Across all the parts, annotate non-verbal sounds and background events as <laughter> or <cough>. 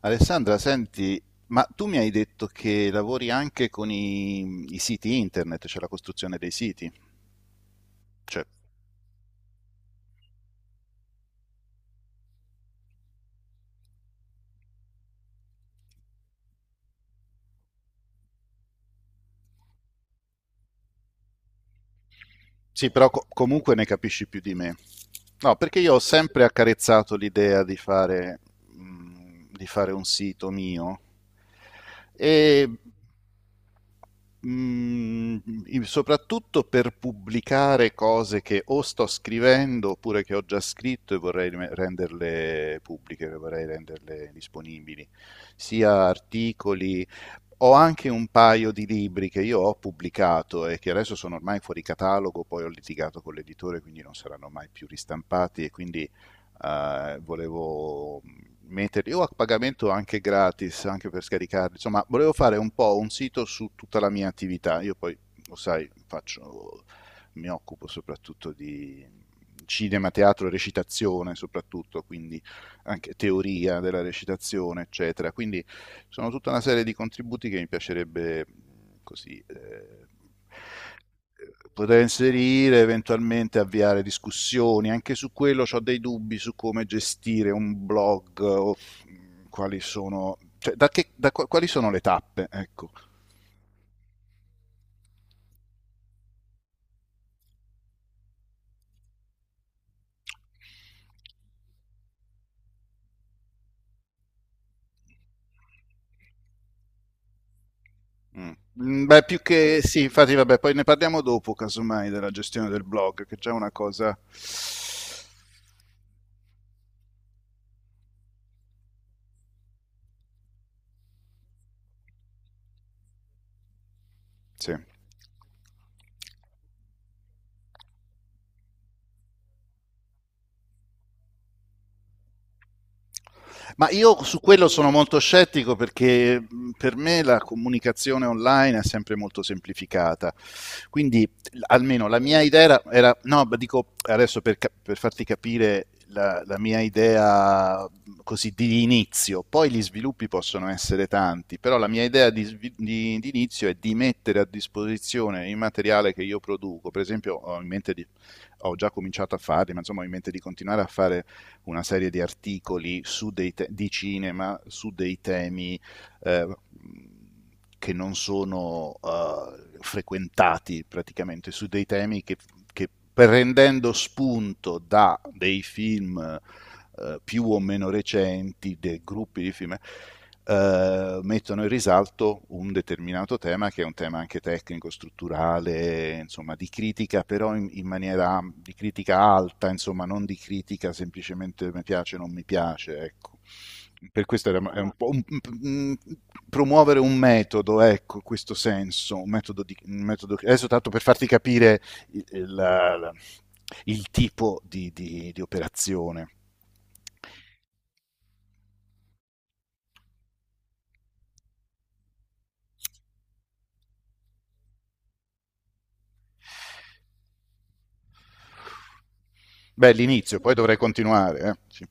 Alessandra, senti, ma tu mi hai detto che lavori anche con i siti internet, cioè la costruzione dei siti. Cioè, sì, però comunque ne capisci più di me. No, perché io ho sempre accarezzato l'idea di fare un sito mio e Mm, soprattutto per pubblicare cose che o sto scrivendo oppure che ho già scritto e vorrei renderle pubbliche, vorrei renderle disponibili, sia articoli. Ho anche un paio di libri che io ho pubblicato e che adesso sono ormai fuori catalogo, poi ho litigato con l'editore, quindi non saranno mai più ristampati e quindi volevo metterli o a pagamento anche gratis, anche per scaricarli. Insomma, volevo fare un po' un sito su tutta la mia attività. Io poi, lo sai, faccio, mi occupo soprattutto di cinema, teatro, recitazione soprattutto, quindi anche teoria della recitazione, eccetera. Quindi sono tutta una serie di contributi che mi piacerebbe così poter inserire, eventualmente avviare discussioni. Anche su quello ho dei dubbi su come gestire un blog o quali sono, cioè, da che- da qua- quali sono le tappe, ecco. Mm. Mm, beh, più che sì, infatti, vabbè, poi ne parliamo dopo, casomai, della gestione del blog, che è già una cosa... Sì. Ma io su quello sono molto scettico perché per me la comunicazione online è sempre molto semplificata. Quindi almeno la mia idea era, no, ma dico adesso per, per farti capire la mia idea così di inizio, poi gli sviluppi possono essere tanti, però la mia idea di, di inizio è di mettere a disposizione il materiale che io produco. Per esempio, ho in mente di, ho già cominciato a farli, ma insomma ho in mente di continuare a fare una serie di articoli su di cinema su dei temi eh, che non sono frequentati praticamente su dei temi che prendendo spunto da dei film più o meno recenti, dei gruppi di film, mettono in risalto un determinato tema che è un tema anche tecnico, strutturale, insomma di critica, però in maniera di critica alta, insomma non di critica semplicemente mi piace o non mi piace, ecco, per questo era è un po' un- promuovere un metodo, ecco, in questo senso, un metodo, di, un metodo adesso tanto per farti capire il, il- il tipo di, di operazione. Beh, l'inizio, poi dovrei continuare, eh. Sì,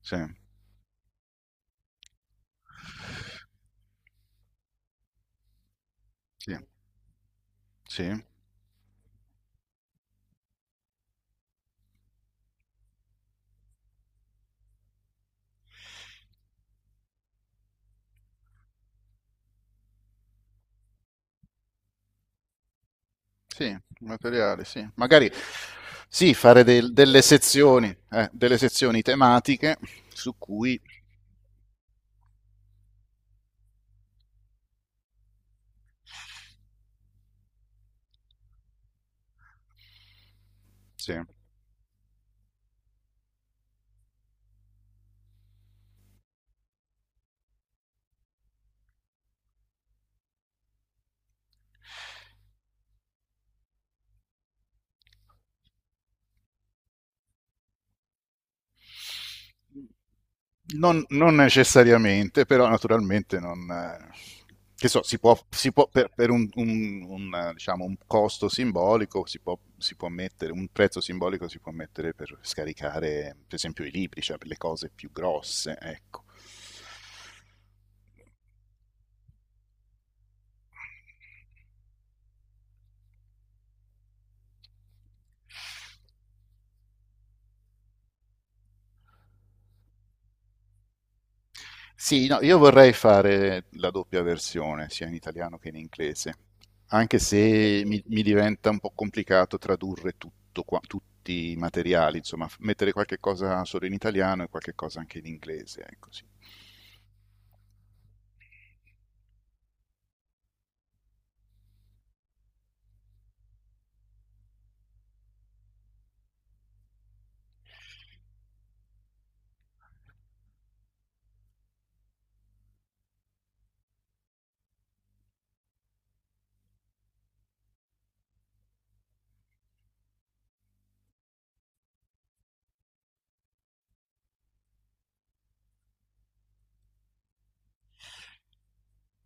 sì, sì, sì, sì, materiale, sì. Magari sì, fare delle sezioni tematiche su cui... Sì. Non necessariamente, però naturalmente non... che so, si può per, un, diciamo, un costo simbolico, si può mettere, un prezzo simbolico si può mettere per scaricare, per esempio, i libri, cioè per le cose più grosse, ecco. Sì, no, io vorrei fare la doppia versione, sia in italiano che in inglese, anche se mi diventa un po' complicato tradurre tutti i materiali, insomma, mettere qualche cosa solo in italiano e qualche cosa anche in inglese, ecco, sì.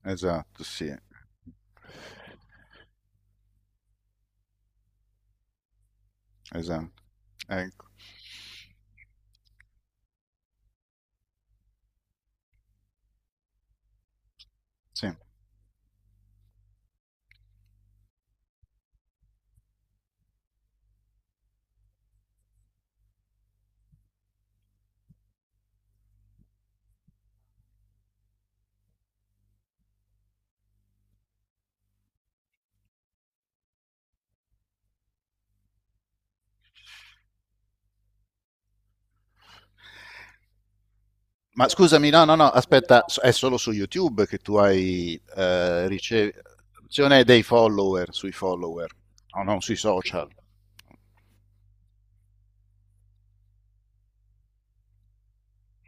Esatto, sì, esatto, ecco, sì. Ma scusami, no, no, no, aspetta, è solo su YouTube che tu hai ricezione dei follower, sui follower, no, non sui social.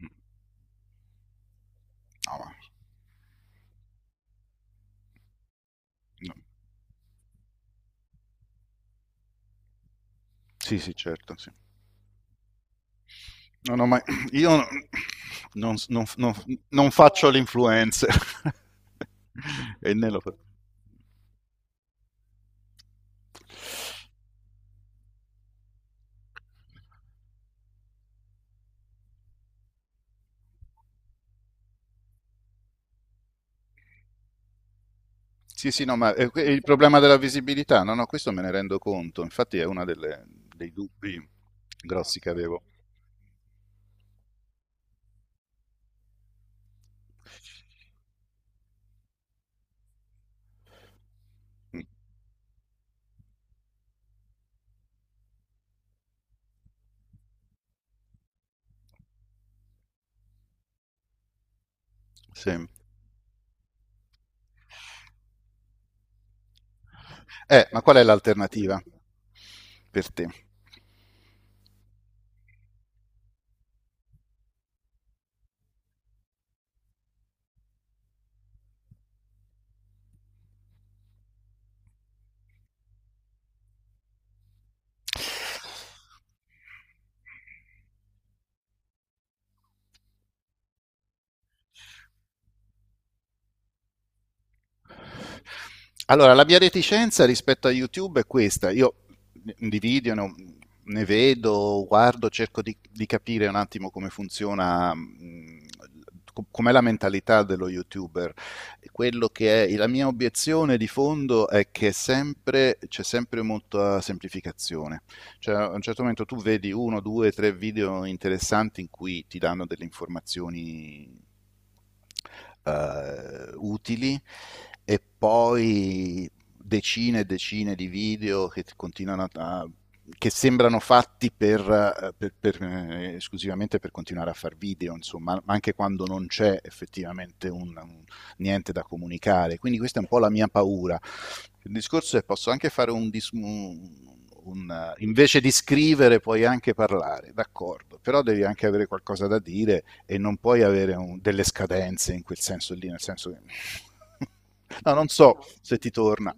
Mm, no, no. Sì, sì, certo, sì. Non ho mai... <clears throat> Io non, non- non- non faccio l'influencer. <laughs> E né lo faccio. Sì, sì, no, ma il problema della visibilità, no, no, questo me ne rendo conto. Infatti è uno dei dubbi grossi che avevo. Mm, sì. Ma qual è l'alternativa per te? Allora, la mia reticenza rispetto a YouTube è questa. Io di video ne vedo, guardo, cerco di capire un attimo come funziona, com'è la mentalità dello YouTuber. Quello che è la mia obiezione di fondo è che è sempre, c'è sempre molta semplificazione. Cioè, a un certo momento tu vedi uno, due, tre video interessanti in cui ti danno delle informazioni utili e poi decine e decine di video che continuano a che sembrano fatti per, esclusivamente per continuare a fare video, insomma, anche quando non c'è effettivamente un, niente da comunicare. Quindi questa è un po' la mia paura, il discorso è che posso anche fare un, invece di scrivere puoi anche parlare, d'accordo, però devi anche avere qualcosa da dire e non puoi avere delle scadenze in quel senso lì, nel senso che... <laughs> No, non so se ti torna.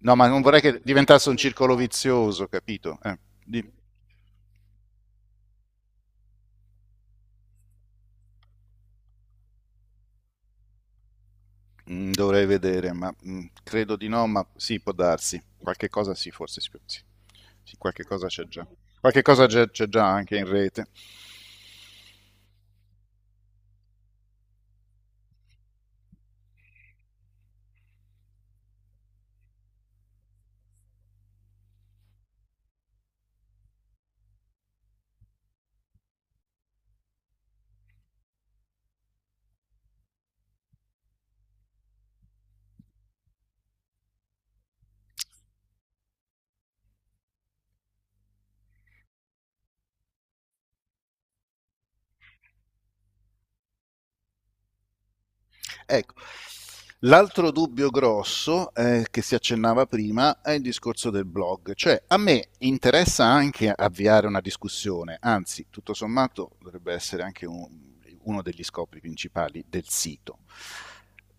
No, ma non vorrei che diventasse un circolo vizioso, capito? Di- Mm, dovrei vedere, ma credo di no, ma sì, può darsi. Qualche cosa sì, forse sì, sì. Sì, qualche cosa c'è già. Qualche cosa c'è già anche in rete. Ecco. L'altro dubbio grosso che si accennava prima è il discorso del blog, cioè a me interessa anche avviare una discussione, anzi tutto sommato dovrebbe essere anche un, uno degli scopi principali del sito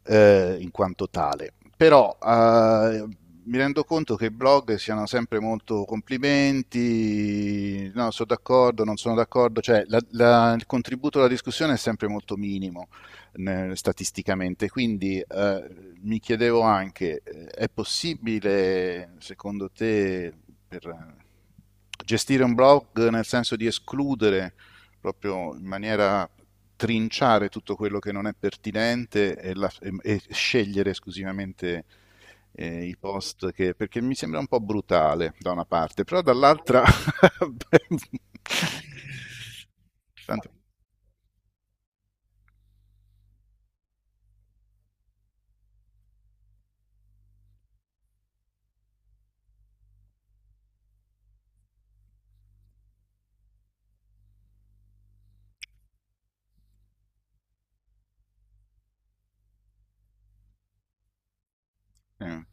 in quanto tale, però mi rendo conto che i blog siano sempre molto complimenti, no, sono d'accordo, non sono d'accordo, cioè il contributo alla discussione è sempre molto minimo statisticamente. Quindi mi chiedevo anche, è possibile, secondo te, per gestire un blog nel senso di escludere proprio in maniera trinciare tutto quello che non è pertinente e e scegliere esclusivamente i post che, perché mi sembra un po' brutale da una parte, però dall'altra... <laughs> Tanto, eh.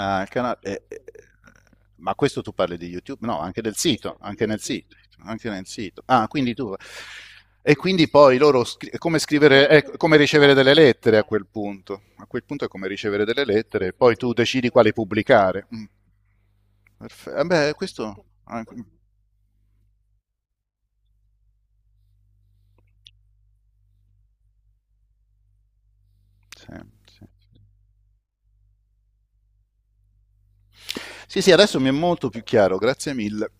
Ah, il canale, ma questo tu parli di YouTube? No, anche del sito, anche nel sito, anche nel sito. Ah, quindi tu... E quindi poi loro, è come scrivere, è come ricevere delle lettere a quel punto. A quel punto è come ricevere delle lettere, e poi tu decidi quali pubblicare. Mm. Eh beh, questo... ah, sì, sì. Sì, sì, sì, adesso mi è molto più chiaro, grazie mille.